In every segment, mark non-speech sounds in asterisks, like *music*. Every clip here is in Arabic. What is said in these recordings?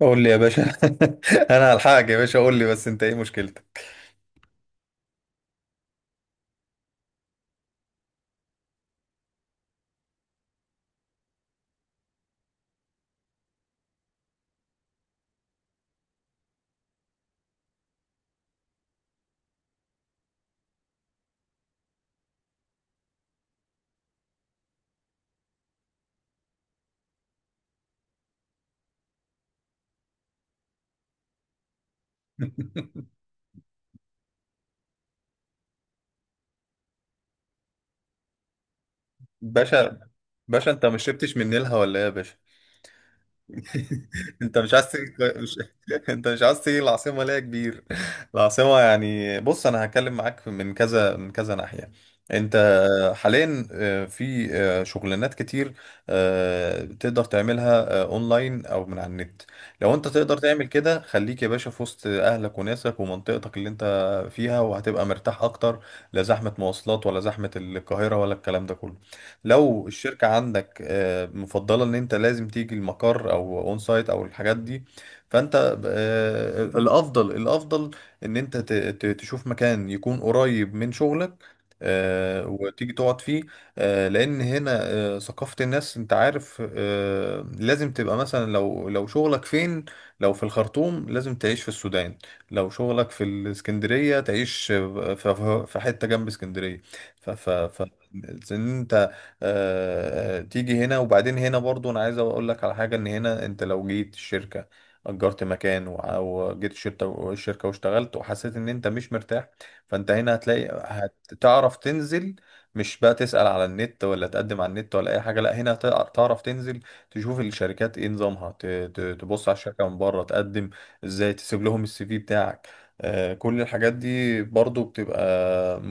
قول لي يا باشا. *laughs* انا هلحقك يا باشا، قول لي بس انت ايه مشكلتك؟ *laughs* باشا باشا انت ما شربتش من نيلها ولا ايه يا باشا؟ انت مش عايز تيجي؟ مش... *laughs* انت مش عايز تيجي العاصمه ليه يا كبير؟ العاصمه يعني، بص انا هتكلم معاك من كذا ناحيه. انت حاليا في شغلانات كتير تقدر تعملها اونلاين او من على النت. لو انت تقدر تعمل كده خليك يا باشا في وسط اهلك وناسك ومنطقتك اللي انت فيها، وهتبقى مرتاح اكتر. لا زحمه مواصلات ولا زحمه القاهره ولا الكلام ده كله. لو الشركة عندك مفضلة ان انت لازم تيجي المقر او اون سايت او الحاجات دي، فانت الافضل ان انت تشوف مكان يكون قريب من شغلك وتيجي تقعد فيه. لان هنا ثقافة الناس انت عارف، لازم تبقى مثلا، لو شغلك فين؟ لو في الخرطوم لازم تعيش في السودان، لو شغلك في الاسكندرية تعيش في حتة جنب اسكندرية. ف ف ف تيجي هنا. وبعدين هنا برضو انا عايز اقول لك على حاجه، ان هنا انت لو جيت الشركه اجرت مكان وجيت الشركه واشتغلت وحسيت ان انت مش مرتاح، فانت هنا هتلاقي، هتعرف تنزل. مش بقى تسأل على النت ولا تقدم على النت ولا اي حاجه، لا هنا تعرف تنزل تشوف الشركات ايه نظامها، تبص على الشركه من بره، تقدم ازاي، تسيب لهم السي في بتاعك. كل الحاجات دي برضو بتبقى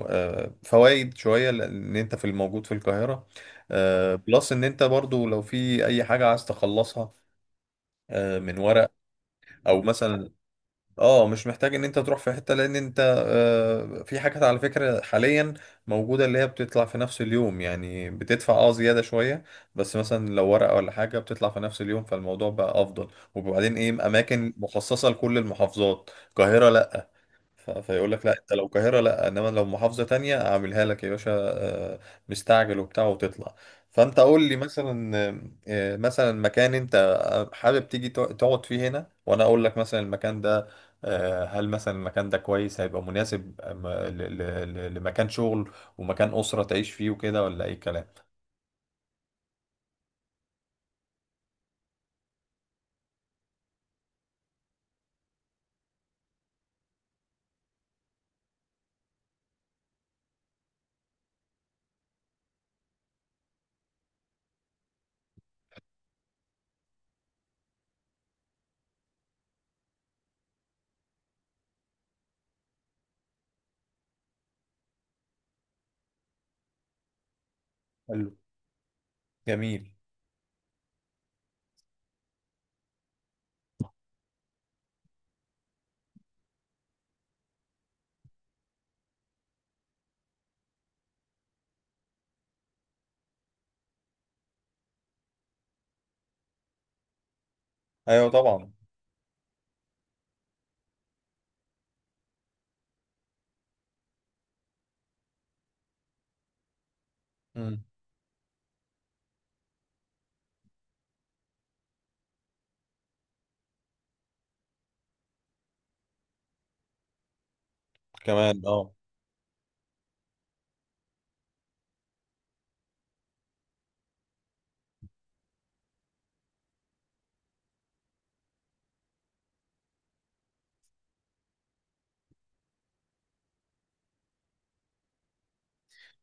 فوائد شوية، لأن أنت في الموجود في القاهرة. بلس ان انت برضو لو في اي حاجة عايز تخلصها من ورق او مثلا، اه مش محتاج ان انت تروح في حتة، لان انت في حاجات على فكرة حاليا موجودة اللي هي بتطلع في نفس اليوم، يعني بتدفع اه زيادة شوية، بس مثلا لو ورقة ولا حاجة بتطلع في نفس اليوم فالموضوع بقى افضل. وبعدين ايه، اماكن مخصصة لكل المحافظات، القاهرة لا، فيقول لك لا انت لو القاهره لا، انما لو محافظه تانية اعملها لك يا باشا آه، مستعجل وبتاع وتطلع. فانت قول لي مثلا مثلا مكان انت حابب تيجي تقعد فيه هنا، وانا اقول لك مثلا المكان ده هل مثلا المكان ده كويس، هيبقى مناسب لمكان شغل ومكان اسره تعيش فيه وكده، ولا اي كلام. حلو، جميل. ايوه طبعا. مم. كمان اه.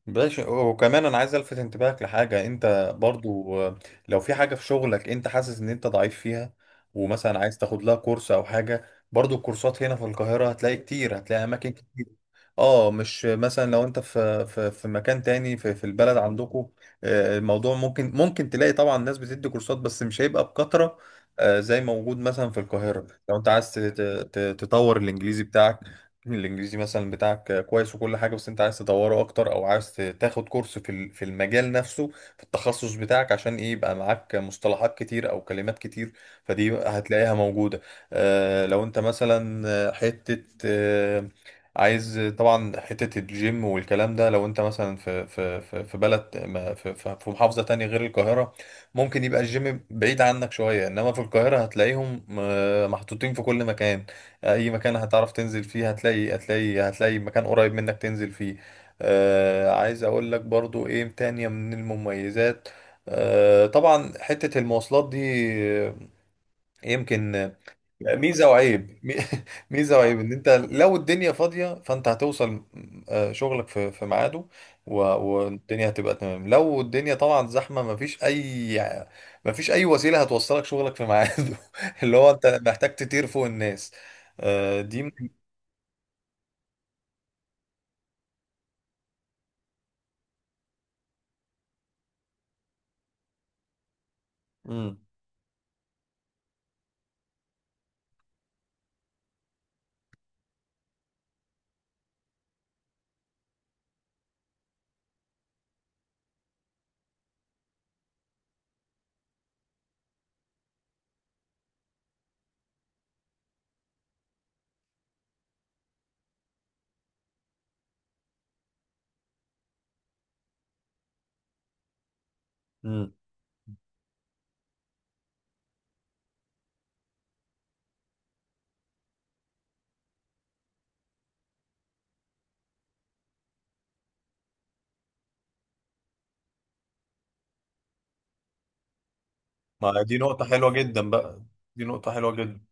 بلاش، وكمان انا عايز الفت انتباهك لحاجه انت برضو، لو في حاجه في شغلك انت حاسس ان انت ضعيف فيها، ومثلا عايز تاخد لها كورس او حاجه، برضو الكورسات هنا في القاهره هتلاقي كتير، هتلاقي اماكن كتير. اه مش مثلا لو انت في مكان تاني في في البلد عندكم الموضوع ممكن، تلاقي طبعا ناس بتدي كورسات، بس مش هيبقى بكثره زي موجود مثلا في القاهره. لو انت عايز تطور الانجليزي بتاعك، الانجليزي مثلا بتاعك كويس وكل حاجه، بس انت عايز تطوره اكتر، او عايز تاخد كورس في المجال نفسه، في التخصص بتاعك، عشان ايه يبقى معاك مصطلحات كتير او كلمات كتير. فدي هتلاقيها موجوده. آه لو انت مثلا، حته آه، عايز طبعا حته الجيم والكلام ده، لو انت مثلا في بلد في محافظه تانية غير القاهره، ممكن يبقى الجيم بعيد عنك شويه، انما في القاهره هتلاقيهم محطوطين في كل مكان. اي مكان هتعرف تنزل فيه هتلاقي مكان قريب منك تنزل فيه. آه عايز اقول لك برضو ايه تانية من المميزات، آه طبعا حتة المواصلات دي، آه، يمكن ميزة وعيب. *laughs* ميزة وعيب، ان انت لو الدنيا فاضية فانت هتوصل شغلك في في ميعاده، والدنيا هتبقى تمام. لو الدنيا طبعا زحمة، مفيش اي، مفيش اي وسيلة هتوصلك شغلك في ميعاده. *laughs* اللي هو انت محتاج تطير فوق الناس. دي امم امم ما دي نقطة حلوة جدا بقى، دي نقطة حلوة جدا.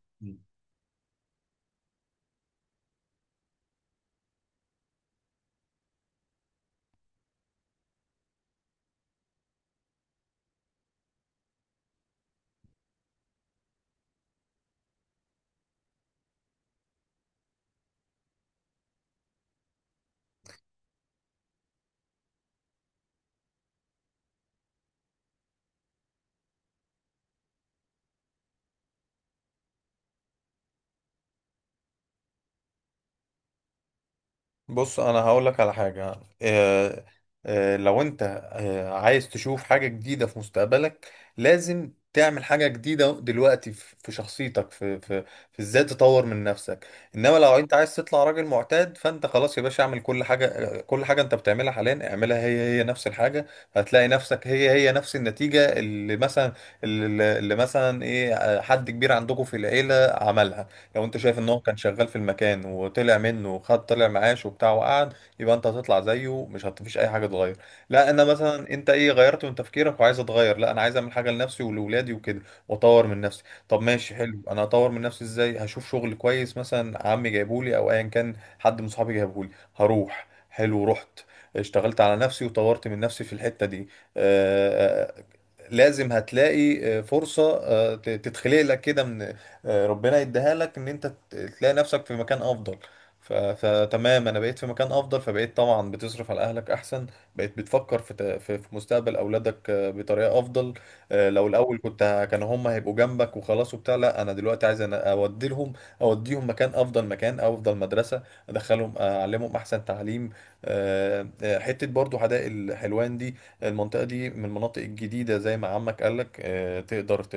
بص انا هقول لك على حاجه، آه، لو انت عايز تشوف حاجه جديده في مستقبلك، لازم تعمل حاجه جديده دلوقتي في في شخصيتك، في في في ازاي تطور من نفسك. انما لو انت عايز تطلع راجل معتاد، فانت خلاص يا باشا اعمل كل حاجه. كل حاجه انت بتعملها حاليا اعملها، هي هي نفس الحاجه، هتلاقي نفسك هي هي نفس النتيجه. اللي مثلا اللي مثلا ايه، حد كبير عندكم في العيله عملها، لو انت شايف ان هو كان شغال في المكان وطلع منه، وخد طلع معاش وبتاع وقعد، يبقى انت هتطلع زيه، مش هتفيش اي حاجه تغير. لا، انا مثلا، انت ايه غيرت من تفكيرك وعايز اتغير؟ لا انا عايز اعمل حاجه لنفسي ولاولادي وكده، واطور من نفسي. طب ماشي حلو، انا هطور من نفسي ازاي؟ هشوف شغل كويس مثلا عمي جايبولي، او ايا كان حد من صحابي جايبهولي، هروح. حلو، رحت اشتغلت على نفسي وطورت من نفسي في الحته دي، آه، آه، لازم هتلاقي فرصة تتخلق لك كده من ربنا يديها لك، ان انت تلاقي نفسك في مكان افضل. فتمام، انا بقيت في مكان افضل، فبقيت طبعا بتصرف على اهلك احسن، بقيت بتفكر في ت... في في مستقبل اولادك بطريقه افضل. لو الاول كنت كانوا هم هيبقوا جنبك وخلاص وبتاع، لا انا دلوقتي عايز أنا اوديهم مكان افضل، مكان افضل مدرسه، ادخلهم اعلمهم احسن تعليم. حته برضو حدائق الحلوان دي، المنطقه دي من المناطق الجديده زي ما عمك قالك، تقدر ت...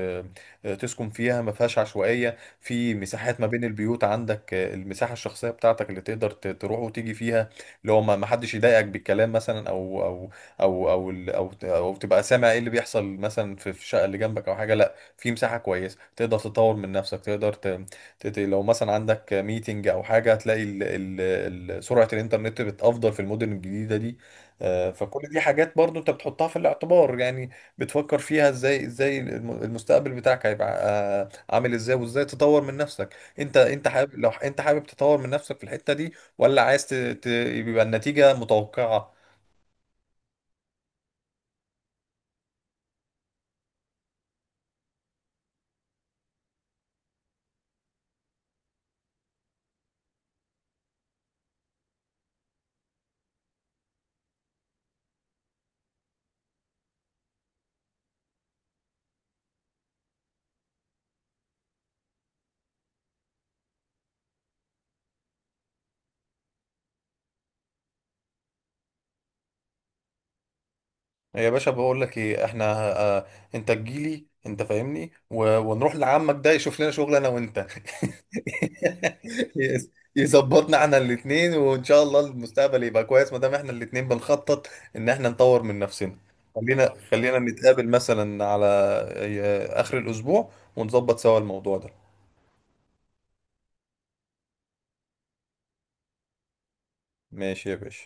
آه، تسكن فيها. ما فيهاش عشوائية في مساحات ما بين البيوت، عندك المساحة الشخصية بتاعتك اللي تقدر تروح وتيجي فيها، اللي هو ما حدش يضايقك بالكلام مثلا، او او او او ال- او, ت- أو تبقى سامع ايه اللي بيحصل مثلا في في الشقة اللي جنبك او حاجة. لا، في مساحة كويسة تقدر تطور من نفسك، تقدر لو مثلا عندك ميتنج او حاجه هتلاقي ال ال ال سرعه الانترنت بتافضل في المدن الجديده دي. فكل دي حاجات برضو انت بتحطها في الاعتبار، يعني بتفكر فيها ازاي، المستقبل بتاعك هيبقى عامل ازاي، وازاي تطور من نفسك. انت حابب، لو انت حابب تطور من نفسك في الحتة دي، ولا عايز يبقى النتيجة متوقعة؟ يا باشا بقول لك ايه، احنا آه انت تجيلي، انت فاهمني، ونروح لعمك ده يشوف لنا شغل انا وانت. *laughs* يظبطنا احنا الاتنين، وان شاء الله المستقبل يبقى كويس ما دام احنا الاتنين بنخطط ان احنا نطور من نفسنا. خلينا نتقابل مثلا على اخر الاسبوع ونظبط سوا الموضوع ده. ماشي يا باشا.